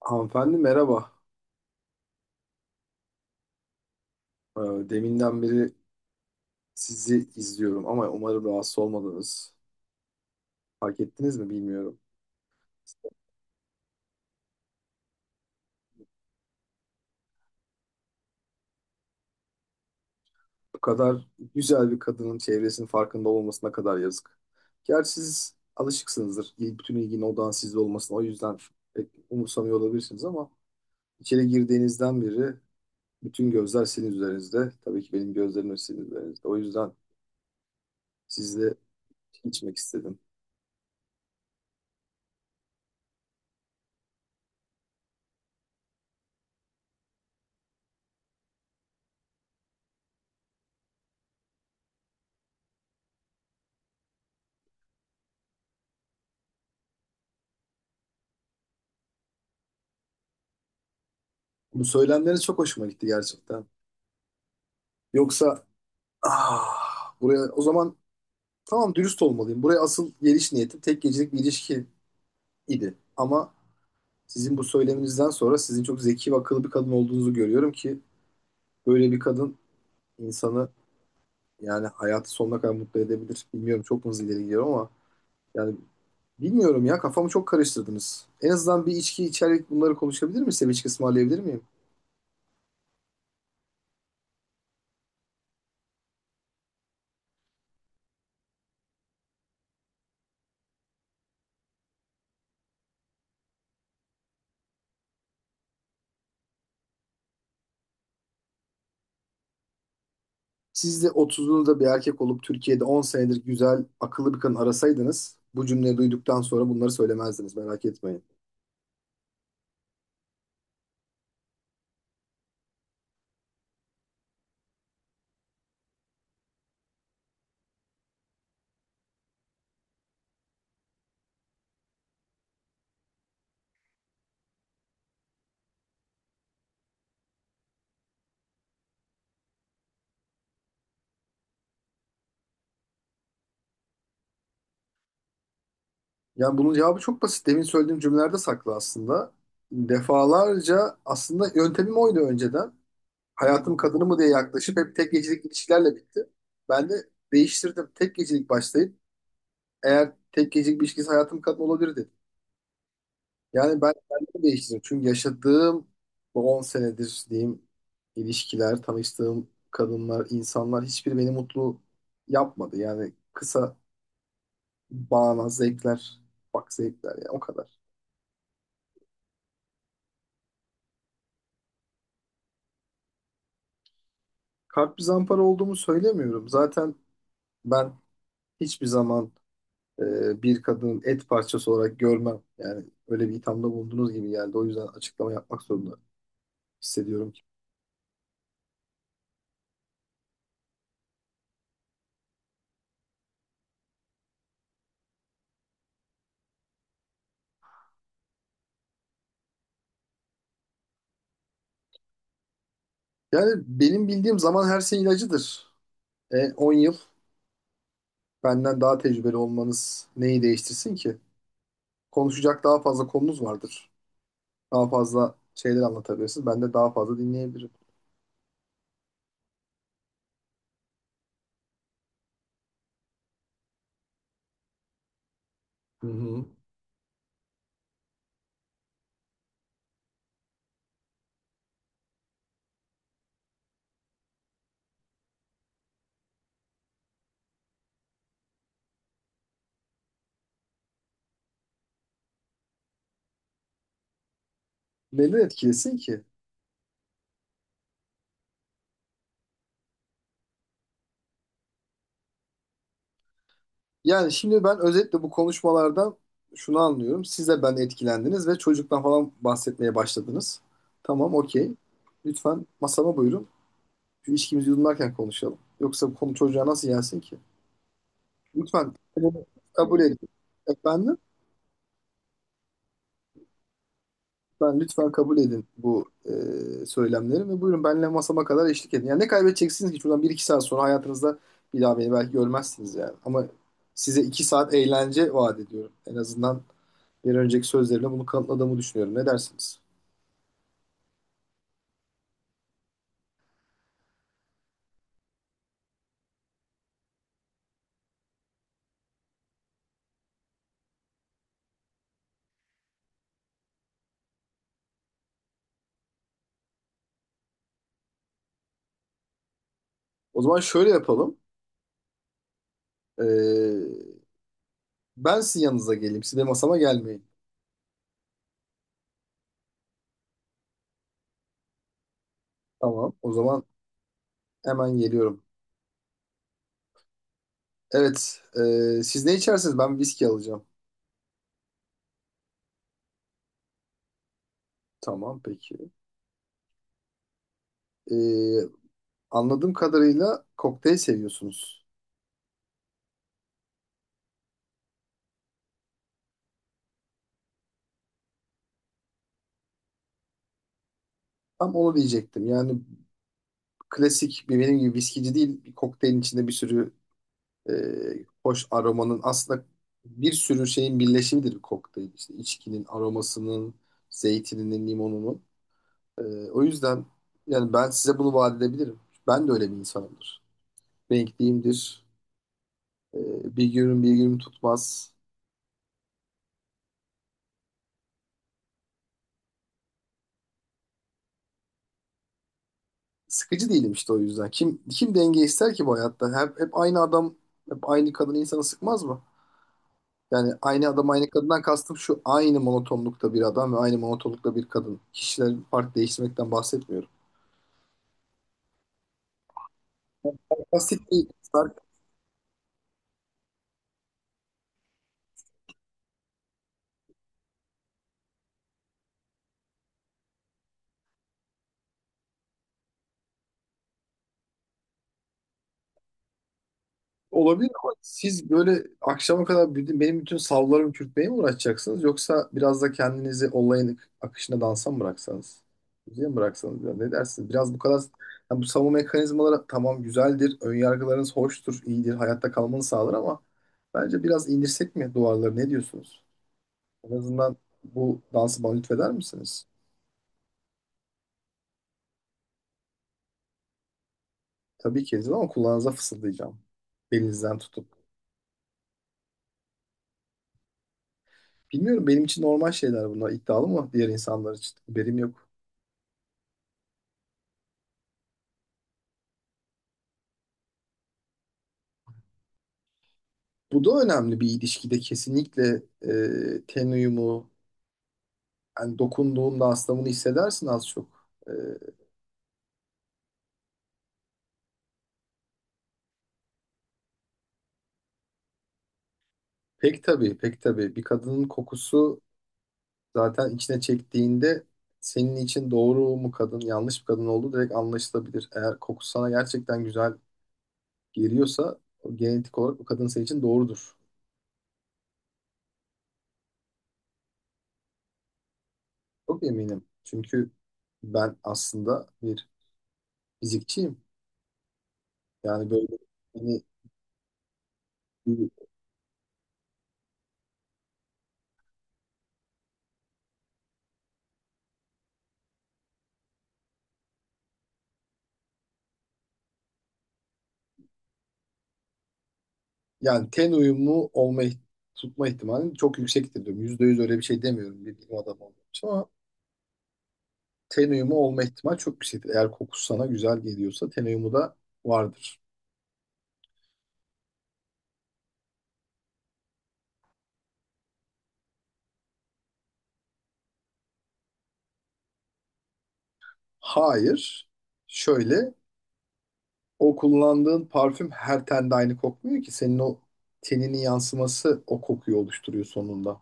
Hanımefendi merhaba. Ee, Deminden beri sizi izliyorum ama umarım rahatsız olmadınız. Fark ettiniz mi bilmiyorum. Bu kadar güzel bir kadının çevresinin farkında olmasına kadar yazık. Gerçi siz alışıksınızdır. Bütün ilginin odağın sizde olmasına. O yüzden pek umursamıyor olabilirsiniz ama içeri girdiğinizden beri bütün gözler sizin üzerinizde. Tabii ki benim gözlerim de sizin üzerinizde. O yüzden sizle içmek istedim. Bu söylemleriniz çok hoşuma gitti gerçekten. Yoksa Ah, buraya o zaman tamam dürüst olmalıyım. Buraya asıl geliş niyetim tek gecelik bir ilişki idi. Ama sizin bu söyleminizden sonra sizin çok zeki ve akıllı bir kadın olduğunuzu görüyorum ki böyle bir kadın insanı yani hayatı sonuna kadar mutlu edebilir. Bilmiyorum çok mu hızlı ileri gidiyorum ama yani bilmiyorum ya kafamı çok karıştırdınız. En azından bir içki içerek bunları konuşabilir miyiz? Size bir içki ısmarlayabilir miyim? Siz de 30'unuzda bir erkek olup Türkiye'de 10 senedir güzel, akıllı bir kadın arasaydınız bu cümleyi duyduktan sonra bunları söylemezdiniz merak etmeyin. Yani bunun cevabı çok basit. Demin söylediğim cümlelerde saklı aslında. Defalarca aslında yöntemim oydu önceden. Hayatım kadını mı diye yaklaşıp hep tek gecelik ilişkilerle bitti. Ben de değiştirdim. Tek gecelik başlayıp eğer tek gecelik bir ilişkisi hayatım kadın olabilir dedim. Yani ben kendimi değiştirdim. Çünkü yaşadığım bu 10 senedir diyeyim ilişkiler, tanıştığım kadınlar, insanlar hiçbiri beni mutlu yapmadı. Yani kısa bağnaz zevkler, bak zevkler ya o kadar. Kalp bir zampara olduğumu söylemiyorum. Zaten ben hiçbir zaman bir kadının et parçası olarak görmem. Yani öyle bir ithamda bulunduğunuz gibi geldi. O yüzden açıklama yapmak zorunda hissediyorum ki. Yani benim bildiğim zaman her şey ilacıdır. 10 yıl benden daha tecrübeli olmanız neyi değiştirsin ki? Konuşacak daha fazla konunuz vardır. Daha fazla şeyler anlatabilirsiniz. Ben de daha fazla dinleyebilirim. Hı hı. Neden etkilesin ki? Yani şimdi ben özetle bu konuşmalardan şunu anlıyorum. Siz de ben etkilendiniz ve çocuktan falan bahsetmeye başladınız. Tamam, okey. Lütfen masama buyurun. Şu içkimizi yudumlarken konuşalım. Yoksa bu konu çocuğa nasıl gelsin ki? Lütfen bunu kabul edin. Efendim? Ben lütfen kabul edin bu söylemleri ve buyurun benimle masama kadar eşlik edin. Yani ne kaybedeceksiniz ki? Şuradan bir iki saat sonra hayatınızda bir daha beni belki görmezsiniz yani. Ama size 2 saat eğlence vaat ediyorum. En azından bir önceki sözlerimle bunu kanıtladığımı düşünüyorum. Ne dersiniz? O zaman şöyle yapalım. Ee, ben sizin yanınıza geleyim. Siz de masama gelmeyin. Tamam. O zaman hemen geliyorum. Evet. Siz ne içersiniz? Ben viski alacağım. Tamam peki. Ee, anladığım kadarıyla kokteyl seviyorsunuz. Tam onu diyecektim. Yani klasik bir benim gibi viskici değil. Bir kokteylin içinde bir sürü e, hoş aromanın aslında bir sürü şeyin birleşimidir bir kokteyl. İşte içkinin aromasının, zeytininin, limonunun. E, o yüzden yani ben size bunu vaat edebilirim. Ben de öyle bir insanımdır. Renkliyimdir. E, bir günüm bir günüm tutmaz. Sıkıcı değilim işte o yüzden. Kim denge ister ki bu hayatta? Hep aynı adam, hep aynı kadın insanı sıkmaz mı? Yani aynı adam aynı kadından kastım şu aynı monotonlukta bir adam ve aynı monotonlukta bir kadın. Kişilerin fark değiştirmekten bahsetmiyorum. Basit bir sark olabilir ama siz böyle akşama kadar benim bütün savlarımı çürütmeye mi uğraşacaksınız yoksa biraz da kendinizi olayın akışına dansa mı bıraksanız? Müziğe mi bıraksanız biraz ne dersiniz? Biraz bu kadar yani bu savunma mekanizmaları tamam güzeldir, ön yargılarınız hoştur, iyidir, hayatta kalmanı sağlar ama bence biraz indirsek mi duvarları ne diyorsunuz? En azından bu dansı bana lütfeder misiniz? Tabii ki edin ama kulağınıza fısıldayacağım. Belinizden tutup. Bilmiyorum benim için normal şeyler bunlar iddialı mı diğer insanlar için haberim yok. Bu da önemli bir ilişkide kesinlikle ten uyumu yani dokunduğunda astımını hissedersin az çok. Pek tabii pek tabii bir kadının kokusu zaten içine çektiğinde senin için doğru mu kadın yanlış bir kadın olduğu direkt anlaşılabilir. Eğer kokusu sana gerçekten güzel geliyorsa o genetik olarak o kadın senin için doğrudur. Çok eminim çünkü ben aslında bir fizikçiyim. Yani böyle hani, yani ten uyumu olma tutma ihtimali çok yüksektir diyorum. %100 öyle bir şey demiyorum bir bilim adamı olduğum için ama ten uyumu olma ihtimali çok yüksektir. Eğer kokusu sana güzel geliyorsa ten uyumu da vardır. Hayır. Şöyle o kullandığın parfüm her tende aynı kokmuyor ki. Senin o teninin yansıması o kokuyu oluşturuyor sonunda.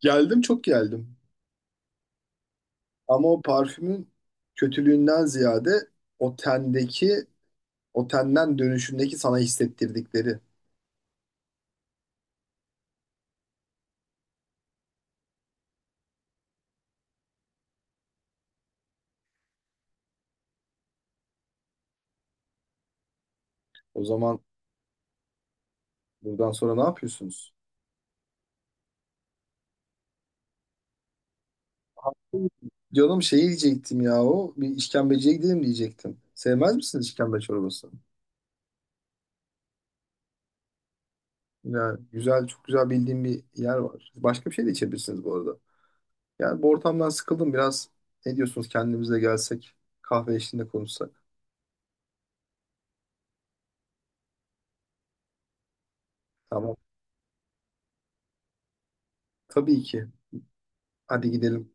Geldim çok geldim. Ama o parfümün kötülüğünden ziyade o tendeki otelden dönüşündeki sana hissettirdikleri. O zaman buradan sonra ne yapıyorsunuz? Canım şey diyecektim ya o. Bir işkembeciye gidelim diyecektim. Sevmez misiniz işkembe çorbasını? Ya güzel, çok güzel bildiğim bir yer var. Başka bir şey de içebilirsiniz bu arada. Yani bu ortamdan sıkıldım biraz. Ne diyorsunuz kendimize gelsek, kahve eşliğinde konuşsak? Tamam. Tabii ki. Hadi gidelim.